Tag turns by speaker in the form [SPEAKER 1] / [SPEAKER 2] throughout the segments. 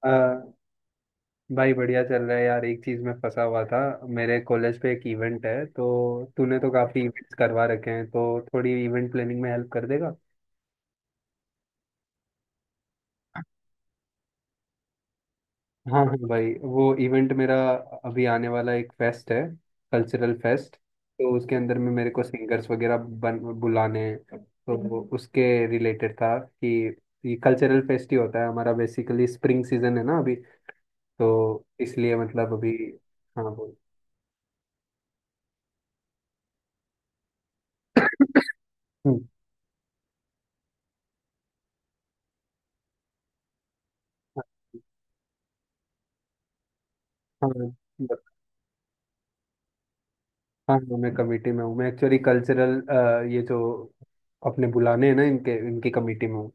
[SPEAKER 1] अ, भाई बढ़िया चल रहा है यार, एक चीज में फंसा हुआ था। मेरे कॉलेज पे एक इवेंट है, तो तूने तो काफी इवेंट्स करवा रखे हैं तो थोड़ी इवेंट प्लानिंग में हेल्प कर देगा? हाँ हाँ भाई, वो इवेंट मेरा अभी आने वाला एक फेस्ट है। कल्चरल फेस्ट, तो उसके अंदर में मेरे को सिंगर्स वगैरह बन बुलाने हैं, तो वो उसके रिलेटेड था कि ये कल्चरल फेस्ट ही होता है हमारा, बेसिकली स्प्रिंग सीजन है ना अभी, तो इसलिए मतलब अभी। हाँ बोल। हम्म। हाँ हाँ। हाँ हाँ, मैं कमेटी में हूँ, मैं एक्चुअली कल्चरल ये जो अपने बुलाने हैं ना इनके इनकी कमेटी में हूँ,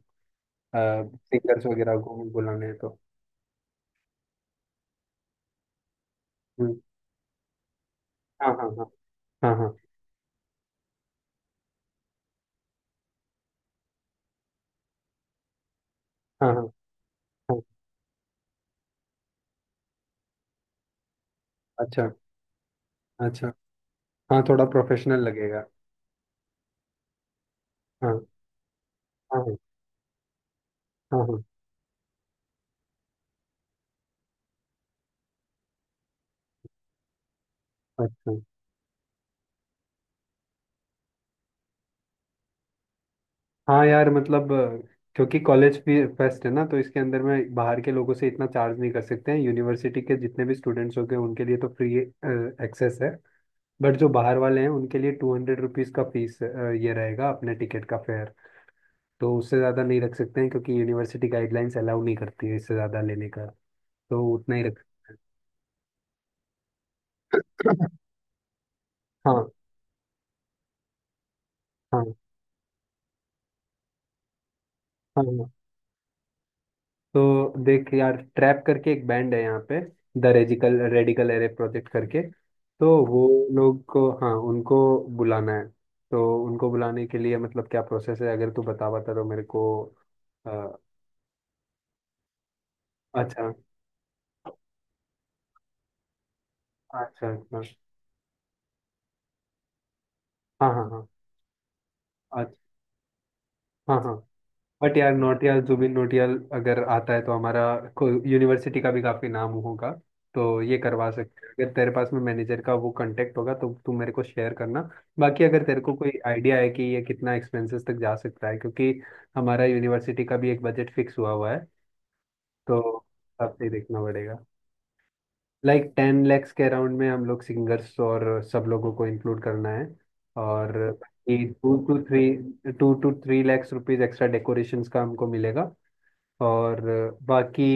[SPEAKER 1] सिंगर्स वगैरह को भी बुलाने हैं तो। हम्म। हाँ हाँ। हाँ हाँ। हाँ हाँ। हाँ हाँ। अच्छा अच्छा। हाँ थोड़ा प्रोफेशनल लगेगा। हाँ हाँ। हाँ हाँ। हाँ, अच्छा। हाँ यार मतलब क्योंकि कॉलेज फेस्ट है ना, तो इसके अंदर में बाहर के लोगों से इतना चार्ज नहीं कर सकते हैं। यूनिवर्सिटी के जितने भी स्टूडेंट्स होंगे उनके लिए तो फ्री एक्सेस है, बट जो बाहर वाले हैं उनके लिए 200 रुपीज़ का फीस ये रहेगा, अपने टिकट का फेयर। तो उससे ज़्यादा नहीं रख सकते हैं क्योंकि यूनिवर्सिटी गाइडलाइंस अलाउ नहीं करती है इससे ज़्यादा लेने का, तो उतना ही रख सकते हैं। हाँ। हाँ। हाँ हाँ। तो देख यार, ट्रैप करके एक बैंड है यहाँ पे, the radical radical array project करके, तो वो लोग को, हाँ उनको बुलाना है। तो उनको बुलाने के लिए मतलब क्या प्रोसेस है, अगर तू बता बता तो मेरे को। अ, अच्छा अच्छा। अच्छा। हाँ हाँ हाँ। अच्छा। हाँ हाँ। बट यार नौटियाल जुबिन नौटियाल अगर आता है तो हमारा यूनिवर्सिटी का भी काफी नाम होगा, तो ये करवा सकते हैं। अगर तेरे पास में मैनेजर का वो कांटेक्ट होगा तो तू मेरे को शेयर करना। बाकी अगर तेरे को कोई आइडिया है कि ये कितना एक्सपेंसेस तक जा सकता है, क्योंकि हमारा यूनिवर्सिटी का भी एक बजट फिक्स हुआ हुआ है, तो आपसे ही देखना पड़ेगा। लाइक 10 लाख के अराउंड में हम लोग सिंगर्स और सब लोगों को इंक्लूड करना है। और टू टू थ्री 2 से 3 लाख रुपीज एक्स्ट्रा डेकोरेशंस का हमको मिलेगा। और बाकी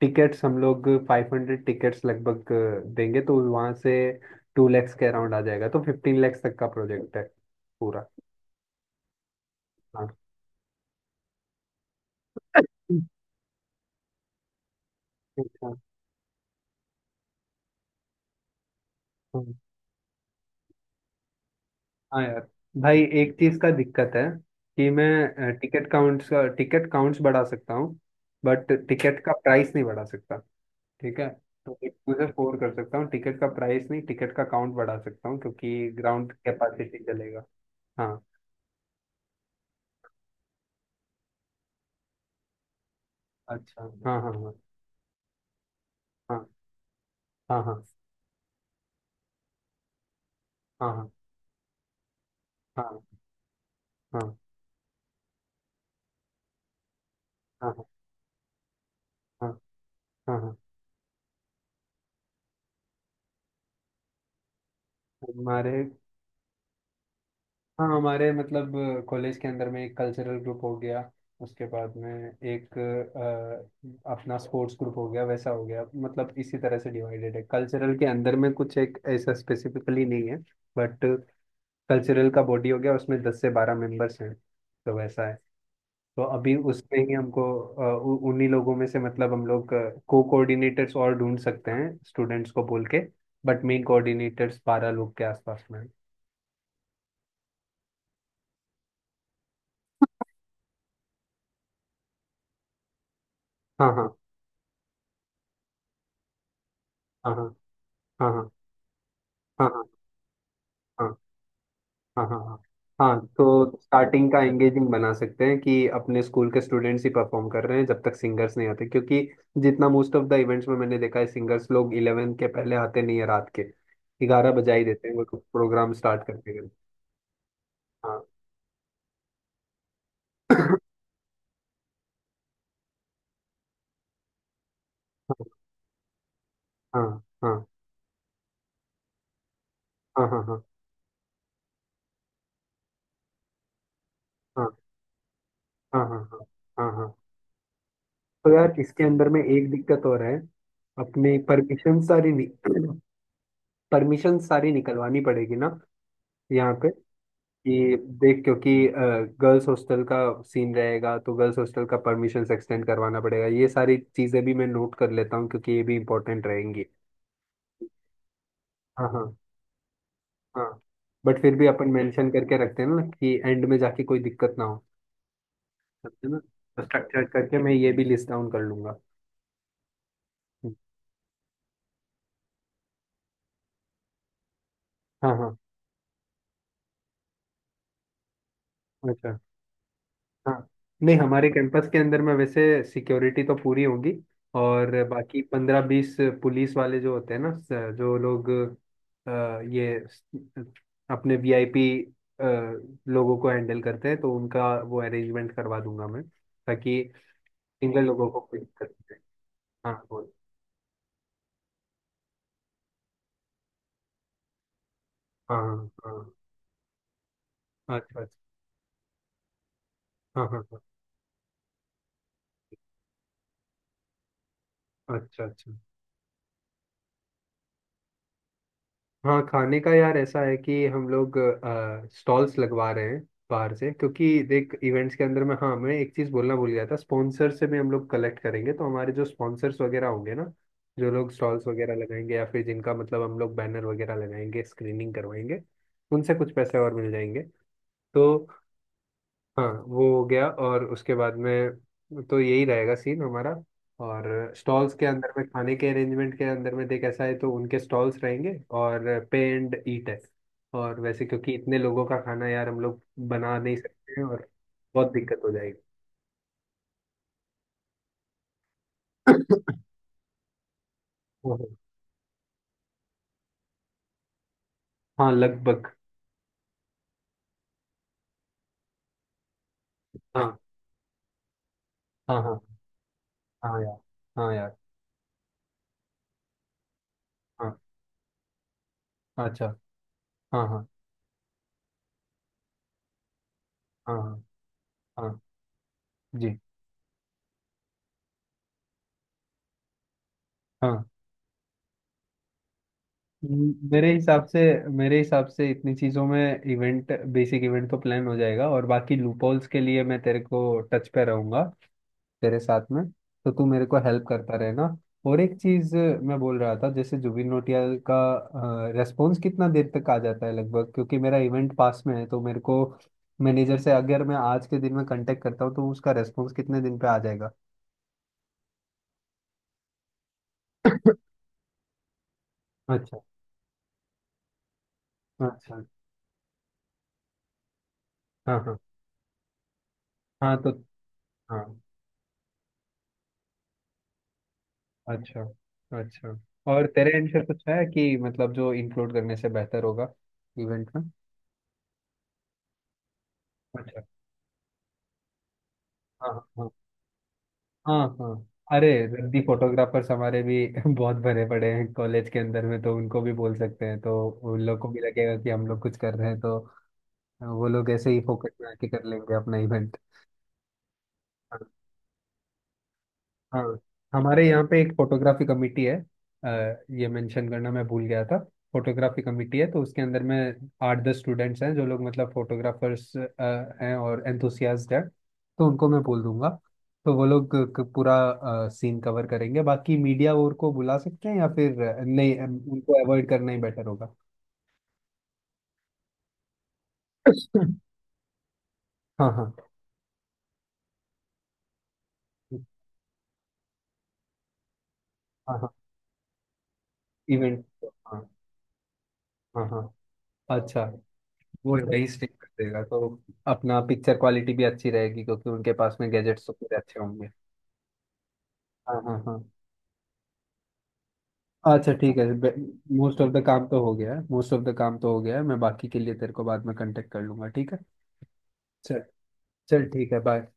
[SPEAKER 1] टिकट्स हम लोग 500 टिकट्स लगभग देंगे, तो वहाँ से 2 लाख के अराउंड आ जाएगा, तो 15 लाख तक का प्रोजेक्ट है पूरा। हाँ। अच्छा। हाँ हाँ यार भाई, एक चीज का दिक्कत है कि मैं टिकट काउंट्स बढ़ा सकता हूँ, बट टिकट का प्राइस नहीं बढ़ा सकता। ठीक है? तो एक 2 से 4 कर सकता हूँ, टिकट का प्राइस नहीं, टिकट का काउंट बढ़ा सकता हूँ क्योंकि ग्राउंड कैपेसिटी चलेगा। हाँ। अच्छा। हाँ हाँ हाँ हाँ हाँ हाँ हाँ हाँ हाँ हाँ हाँ हाँ हाँ, हाँ। हमारे, हाँ हमारे मतलब कॉलेज के अंदर में एक कल्चरल ग्रुप हो गया, उसके बाद में एक अपना स्पोर्ट्स ग्रुप हो गया, वैसा हो गया। मतलब इसी तरह से डिवाइडेड है, कल्चरल के अंदर में कुछ एक ऐसा स्पेसिफिकली नहीं है, बट कल्चरल का बॉडी हो गया, उसमें 10 से 12 मेंबर्स हैं। तो वैसा है। तो अभी उसमें ही हमको उन्हीं लोगों में से मतलब हम लोग को कोऑर्डिनेटर्स और ढूंढ सकते हैं, स्टूडेंट्स को बोल के। बट मेन कोऑर्डिनेटर्स 12 लोग के आसपास में हैं। हाँ हाँ हाँ हाँ हाँ हाँ हाँ हाँ हाँ हाँ हाँ। हाँ, तो स्टार्टिंग का एंगेजिंग बना सकते हैं कि अपने स्कूल के स्टूडेंट्स ही परफॉर्म कर रहे हैं जब तक सिंगर्स नहीं आते, क्योंकि जितना मोस्ट ऑफ द इवेंट्स में मैंने देखा है सिंगर्स लोग 11 के पहले आते नहीं है रात के 11 बजा ही देते हैं, वो प्रोग्राम स्टार्ट करते हैं। हाँ। हाँ हाँ हाँ हाँ हाँ हाँ हाँ हाँ हाँ हाँ। हाँ। तो यार इसके अंदर में एक दिक्कत और है, अपने परमिशन सारी, परमिशन सारी निकलवानी पड़ेगी ना यहाँ पे। कि देख, क्योंकि गर्ल्स हॉस्टल का सीन रहेगा, तो गर्ल्स हॉस्टल का परमिशन एक्सटेंड करवाना पड़ेगा। ये सारी चीज़ें भी मैं नोट कर लेता हूँ क्योंकि ये भी इंपॉर्टेंट रहेंगी। हाँ हाँ हाँ। बट फिर भी अपन मेंशन करके रखते हैं ना, कि एंड में जाके कोई दिक्कत ना हो, समझे ना। स्ट्रक्चर करके मैं ये भी लिस्ट डाउन कर लूंगा। हम्म। हाँ हाँ। अच्छा। हाँ, नहीं हमारे कैंपस के अंदर में वैसे सिक्योरिटी तो पूरी होगी, और बाकी 15-20 पुलिस वाले जो होते हैं ना, जो लोग अ, ये स- अपने वीआईपी लोगों को हैंडल करते हैं, तो उनका वो अरेंजमेंट करवा दूंगा मैं, ताकि सिंगल लोगों को कोई दिक्कत नहीं आए। हाँ बोल। हाँ हाँ हाँ। अच्छा अच्छा। हाँ हाँ हाँ। अच्छा अच्छा। हाँ, खाने का यार ऐसा है कि हम लोग स्टॉल्स लगवा रहे हैं बाहर से, क्योंकि देख इवेंट्स के अंदर में, हाँ मैं एक चीज़ बोलना भूल गया था, स्पॉन्सर से भी हम लोग कलेक्ट करेंगे, तो हमारे जो स्पॉन्सर्स वगैरह होंगे ना, जो लोग स्टॉल्स वगैरह लगाएंगे या फिर जिनका मतलब हम लोग बैनर वगैरह लगाएंगे, स्क्रीनिंग करवाएंगे, उनसे कुछ पैसे और मिल जाएंगे तो। हाँ वो हो गया। और उसके बाद में, तो यही रहेगा सीन हमारा। और स्टॉल्स के अंदर में, खाने के अरेंजमेंट के अंदर में देख, ऐसा है, तो उनके स्टॉल्स रहेंगे और पे एंड ईट है, और वैसे क्योंकि इतने लोगों का खाना यार हम लोग बना नहीं सकते हैं और बहुत दिक्कत हो जाएगी। ओहो। हाँ लगभग। हाँ हाँ हाँ। हाँ यार। हाँ यार। हाँ। अच्छा। हाँ हाँ। हाँ हाँ हाँ। जी। हाँ। म- मेरे हिसाब से मेरे हिसाब से इतनी चीजों में इवेंट, बेसिक इवेंट तो प्लान हो जाएगा, और बाकी लूपहोल्स के लिए मैं तेरे को टच पे रहूंगा, तेरे साथ में, तो तू मेरे को हेल्प करता रहना। और एक चीज मैं बोल रहा था, जैसे जुबिन नौटियाल का रेस्पॉन्स कितना देर तक आ जाता है लगभग? क्योंकि मेरा इवेंट पास में है तो मेरे को, मैनेजर से अगर मैं आज के दिन में कांटेक्ट करता हूँ तो उसका रेस्पॉन्स कितने दिन पे आ जाएगा? अच्छा। अच्छा। हाँ हाँ हाँ। तो हाँ। अच्छा। अच्छा। और तेरे एंड से कुछ है कि मतलब जो इंक्लूड करने से बेहतर होगा इवेंट में? अच्छा। हाँ हाँ हाँ। हाँ। अरे, रद्दी फोटोग्राफर्स हमारे भी बहुत भरे पड़े हैं कॉलेज के अंदर में, तो उनको भी बोल सकते हैं, तो उन लोग को भी लगेगा कि हम लोग कुछ कर रहे हैं, तो वो लोग ऐसे ही फोकस में आके कर लेंगे अपना इवेंट। हाँ, हमारे यहाँ पे एक फोटोग्राफी कमेटी है, अ, ये मेंशन करना मैं भूल गया था। फोटोग्राफी कमेटी है, तो उसके अंदर में 8-10 स्टूडेंट्स हैं, जो लोग मतलब फोटोग्राफर्स हैं और एंथुसियास्ट हैं, तो उनको मैं बोल दूंगा, तो वो लोग पूरा सीन कवर करेंगे। बाकी मीडिया और को बुला सकते हैं, या फिर नहीं, उनको अवॉइड करना ही बेटर होगा। हाँ हाँ हाँ हाँ। इवेंट। हाँ हाँ हाँ। अच्छा। वो नहीं स्टिक कर देगा तो अपना पिक्चर क्वालिटी भी अच्छी रहेगी क्योंकि उनके पास में गैजेट्स तो पूरे अच्छे होंगे। हाँ हाँ हाँ। अच्छा ठीक है। मोस्ट ऑफ द काम तो हो गया है, मोस्ट ऑफ द काम तो हो गया है, मैं बाकी के लिए तेरे को बाद में कांटेक्ट कर लूंगा, ठीक है? चल। चल ठीक है, बाय।